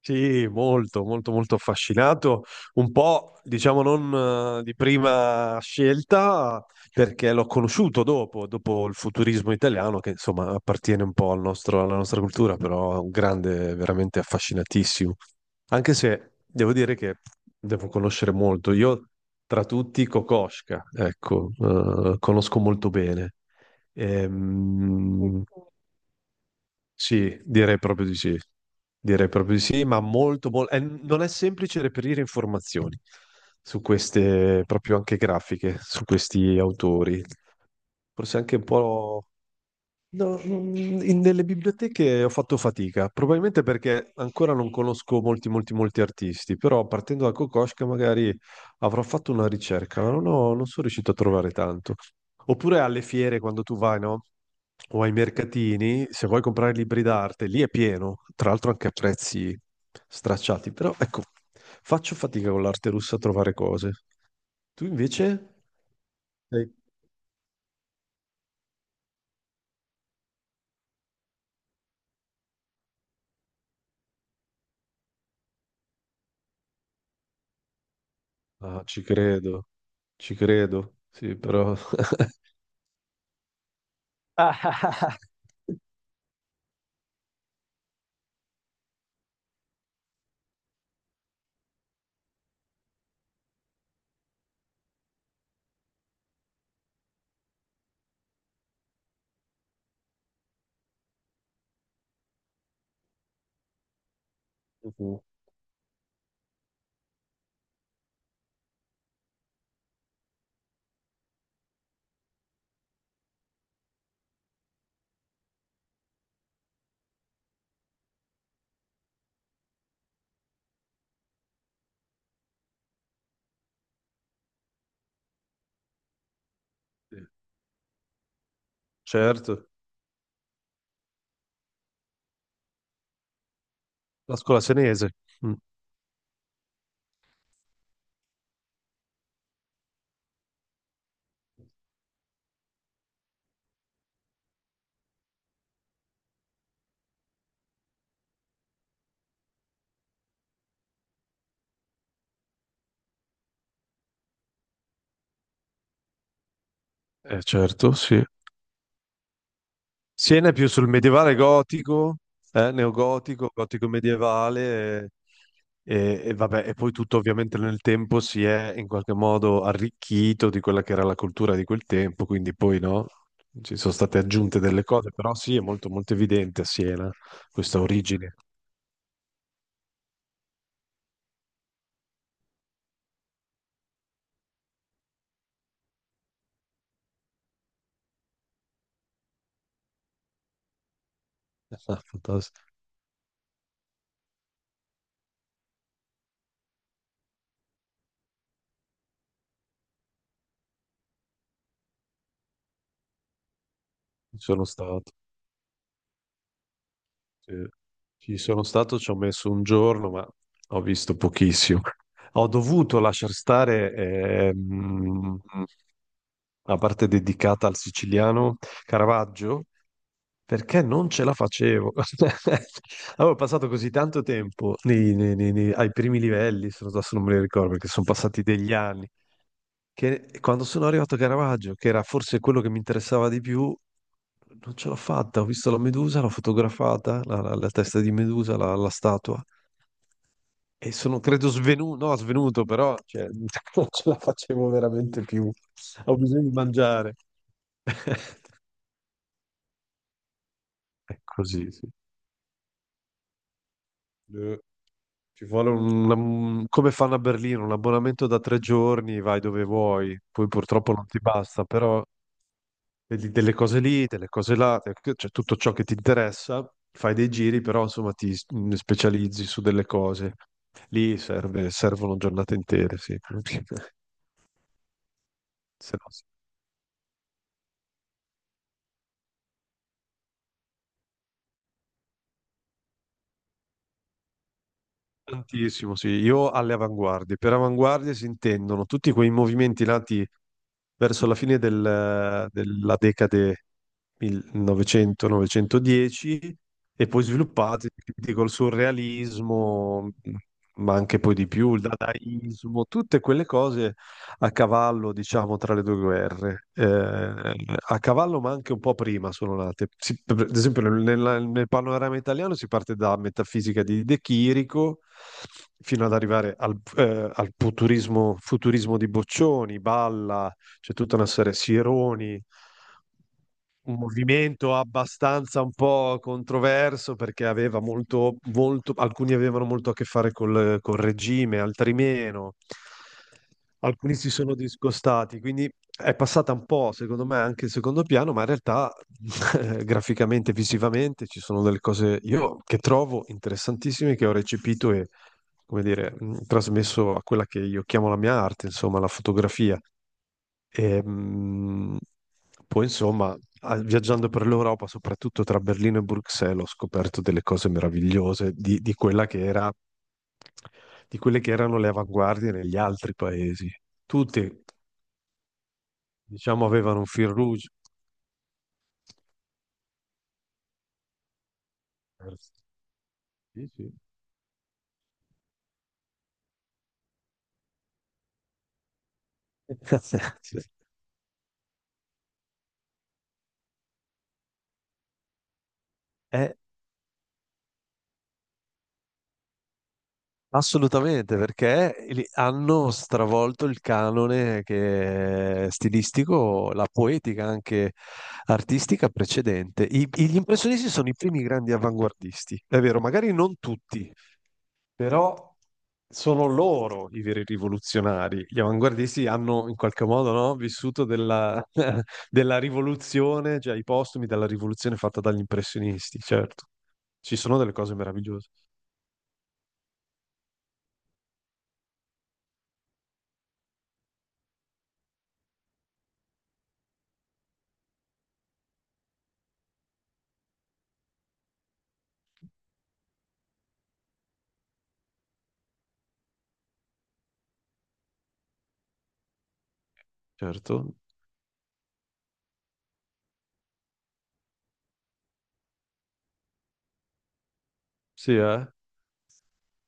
Sì, molto, molto, molto affascinato. Un po', diciamo, non di prima scelta, perché l'ho conosciuto dopo il futurismo italiano, che insomma appartiene un po' alla nostra cultura, però è un grande, veramente affascinatissimo. Anche se devo dire che devo conoscere molto. Io, tra tutti, Kokoschka, ecco, conosco molto bene. Ehm, sì, direi proprio di sì. Direi proprio di sì, ma molto, non è semplice reperire informazioni su queste, proprio anche grafiche, su questi autori. Forse anche un po'. No, nelle biblioteche ho fatto fatica, probabilmente perché ancora non conosco molti, molti, molti artisti, però partendo da Kokoschka magari avrò fatto una ricerca, ma non sono riuscito a trovare tanto. Oppure alle fiere, quando tu vai, no? O ai mercatini, se vuoi comprare libri d'arte, lì è pieno, tra l'altro anche a prezzi stracciati, però ecco, faccio fatica con l'arte russa a trovare cose. Tu invece? Sei- Ah, ci credo, sì, però. Mhm. Sì. Certo, la scuola senese. Mm. Certo, sì. Siena è più sul medievale gotico, neogotico, gotico medievale, e vabbè, e poi tutto ovviamente nel tempo si è in qualche modo arricchito di quella che era la cultura di quel tempo, quindi poi no, ci sono state aggiunte delle cose, però sì, è molto molto evidente a Siena questa origine. Ah, fantastico, ci sono stato. Sì. Ci sono stato, ci ho messo un giorno, ma ho visto pochissimo. Ho dovuto lasciar stare la parte dedicata al siciliano Caravaggio perché non ce la facevo. Avevo passato così tanto tempo ai primi livelli, se non adesso non me li ricordo perché sono passati degli anni, che quando sono arrivato a Caravaggio, che era forse quello che mi interessava di più, non ce l'ho fatta. Ho visto la Medusa, l'ho fotografata, la testa di Medusa, la statua, e sono credo svenuto, no, svenuto, però cioè, non ce la facevo veramente più. Ho bisogno di mangiare. È così, sì. Eh, Ci vuole come fanno a Berlino, un abbonamento da 3 giorni, vai dove vuoi, poi purtroppo non ti basta, però vedi delle cose lì, delle cose là, cioè tutto ciò che ti interessa, fai dei giri, però insomma specializzi su delle cose. Lì servono giornate intere, sì. Se no. Tantissimo, sì, io alle avanguardie. Per avanguardie si intendono tutti quei movimenti nati verso la fine della decade 1900-910 e poi sviluppati quindi col surrealismo, ma anche poi di più, il dadaismo, tutte quelle cose a cavallo, diciamo, tra le due guerre. A cavallo, ma anche un po' prima sono nate. Per esempio, nel panorama italiano si parte da Metafisica di De Chirico fino ad arrivare al futurismo, futurismo di Boccioni, Balla, c'è tutta una serie, Sironi. Un movimento abbastanza un po' controverso perché aveva molto, molto, alcuni avevano molto a che fare col regime, altri meno. Alcuni si sono discostati, quindi è passata un po', secondo me, anche in secondo piano, ma in realtà graficamente, visivamente ci sono delle cose io che trovo interessantissime che ho recepito e, come dire, trasmesso a quella che io chiamo la mia arte, insomma, la fotografia. E, poi, insomma, viaggiando per l'Europa, soprattutto tra Berlino e Bruxelles, ho scoperto delle cose meravigliose di, quella che era, di quelle che erano le avanguardie negli altri paesi. Tutti, diciamo, avevano un fil rouge. Eh, Sì, sì. Sì. Eh, assolutamente, perché hanno stravolto il canone che è stilistico, la poetica anche artistica precedente. Gli impressionisti sono i primi grandi avanguardisti, è vero, magari non tutti, però sono loro i veri rivoluzionari. Gli avanguardisti hanno in qualche modo, no, vissuto della, della rivoluzione, cioè i postumi della rivoluzione fatta dagli impressionisti, certo. Ci sono delle cose meravigliose, certo. Sì, eh?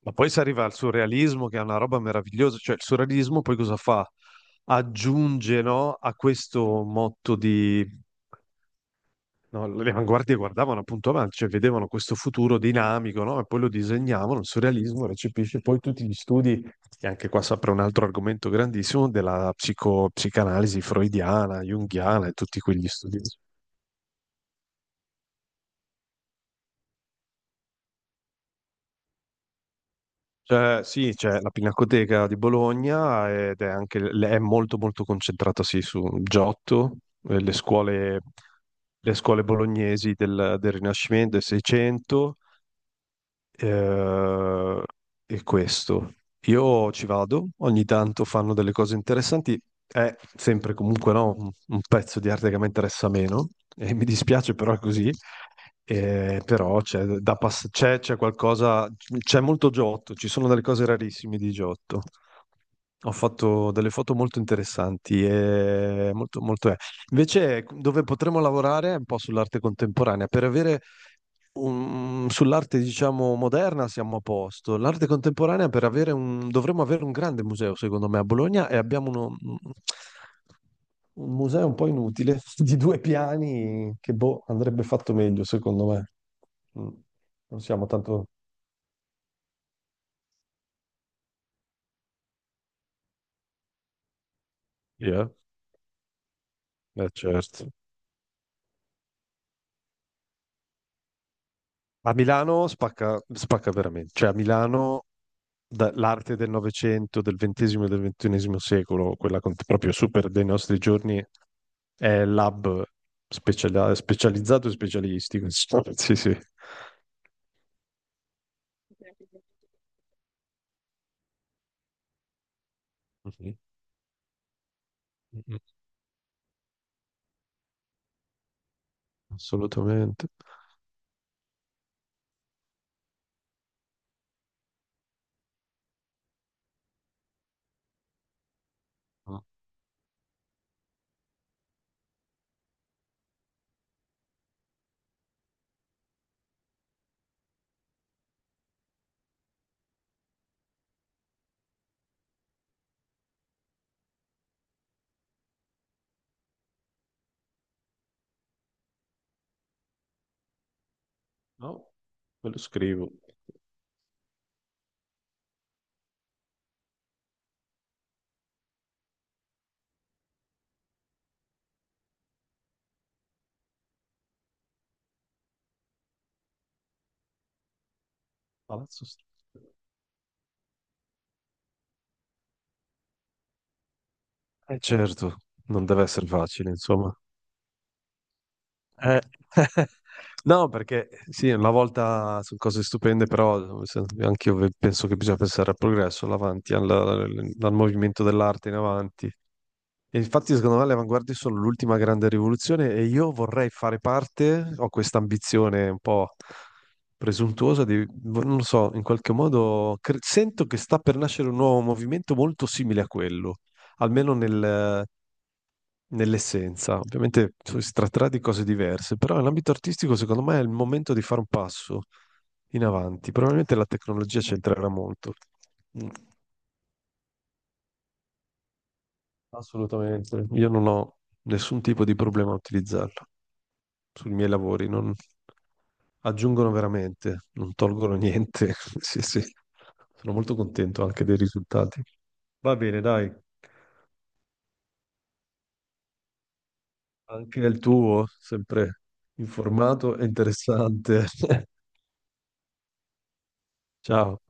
Ma poi si arriva al surrealismo, che è una roba meravigliosa, cioè il surrealismo poi cosa fa? Aggiunge, no, a questo motto di. No, le avanguardie guardavano appunto avanti, cioè vedevano questo futuro dinamico, no? E poi lo disegnavano, il surrealismo recepisce poi tutti gli studi, e anche qua si apre un altro argomento grandissimo, della psicanalisi freudiana, junghiana e tutti quegli studi. Cioè, sì, c'è la Pinacoteca di Bologna ed è anche è molto molto concentrata sì, su Giotto, eh, le scuole, le scuole bolognesi del Rinascimento, del Seicento, eh, e questo. Io ci vado, ogni tanto fanno delle cose interessanti, è sempre comunque no, un pezzo di arte che mi interessa meno, e mi dispiace però è così. Però c'è qualcosa, c'è molto Giotto, ci sono delle cose rarissime di Giotto. Ho fatto delle foto molto interessanti e molto, molto è. Invece, ecco, dove potremmo lavorare è un po' sull'arte contemporanea. Per avere sull'arte, diciamo, moderna siamo a posto. L'arte contemporanea, per avere dovremmo avere un grande museo, secondo me, a Bologna e abbiamo un museo un po' inutile di due piani che, boh, andrebbe fatto meglio, secondo me. Mm. Non siamo tanto. Yeah, certo. A Milano spacca, spacca veramente, cioè a Milano l'arte del Novecento, del XX e del XXI secolo, quella proprio super dei nostri giorni, è specializzato e specialistico. Insomma. Sì, sì. Mhm. Mhm. Assolutamente. No, no, me lo scrivo. Palazzo St- Eh certo, non deve essere facile, insomma. Eh, no, perché sì, una volta sono cose stupende, però anche io penso che bisogna pensare al progresso, all'avanti, al movimento dell'arte in avanti. E infatti, secondo me, le avanguardie sono l'ultima grande rivoluzione e io vorrei fare parte, ho questa ambizione un po' presuntuosa di, non lo so, in qualche modo sento che sta per nascere un nuovo movimento molto simile a quello, almeno nell'essenza. Ovviamente si tratterà di cose diverse, però nell'ambito artistico secondo me è il momento di fare un passo in avanti. Probabilmente la tecnologia c'entrerà molto. Mm, Assolutamente. Io non ho nessun tipo di problema a utilizzarla sui miei lavori, non aggiungono veramente, non tolgono niente. Sì, sì. Sono molto contento anche dei risultati. Va bene, dai, anche il tuo, sempre informato e interessante. Ciao.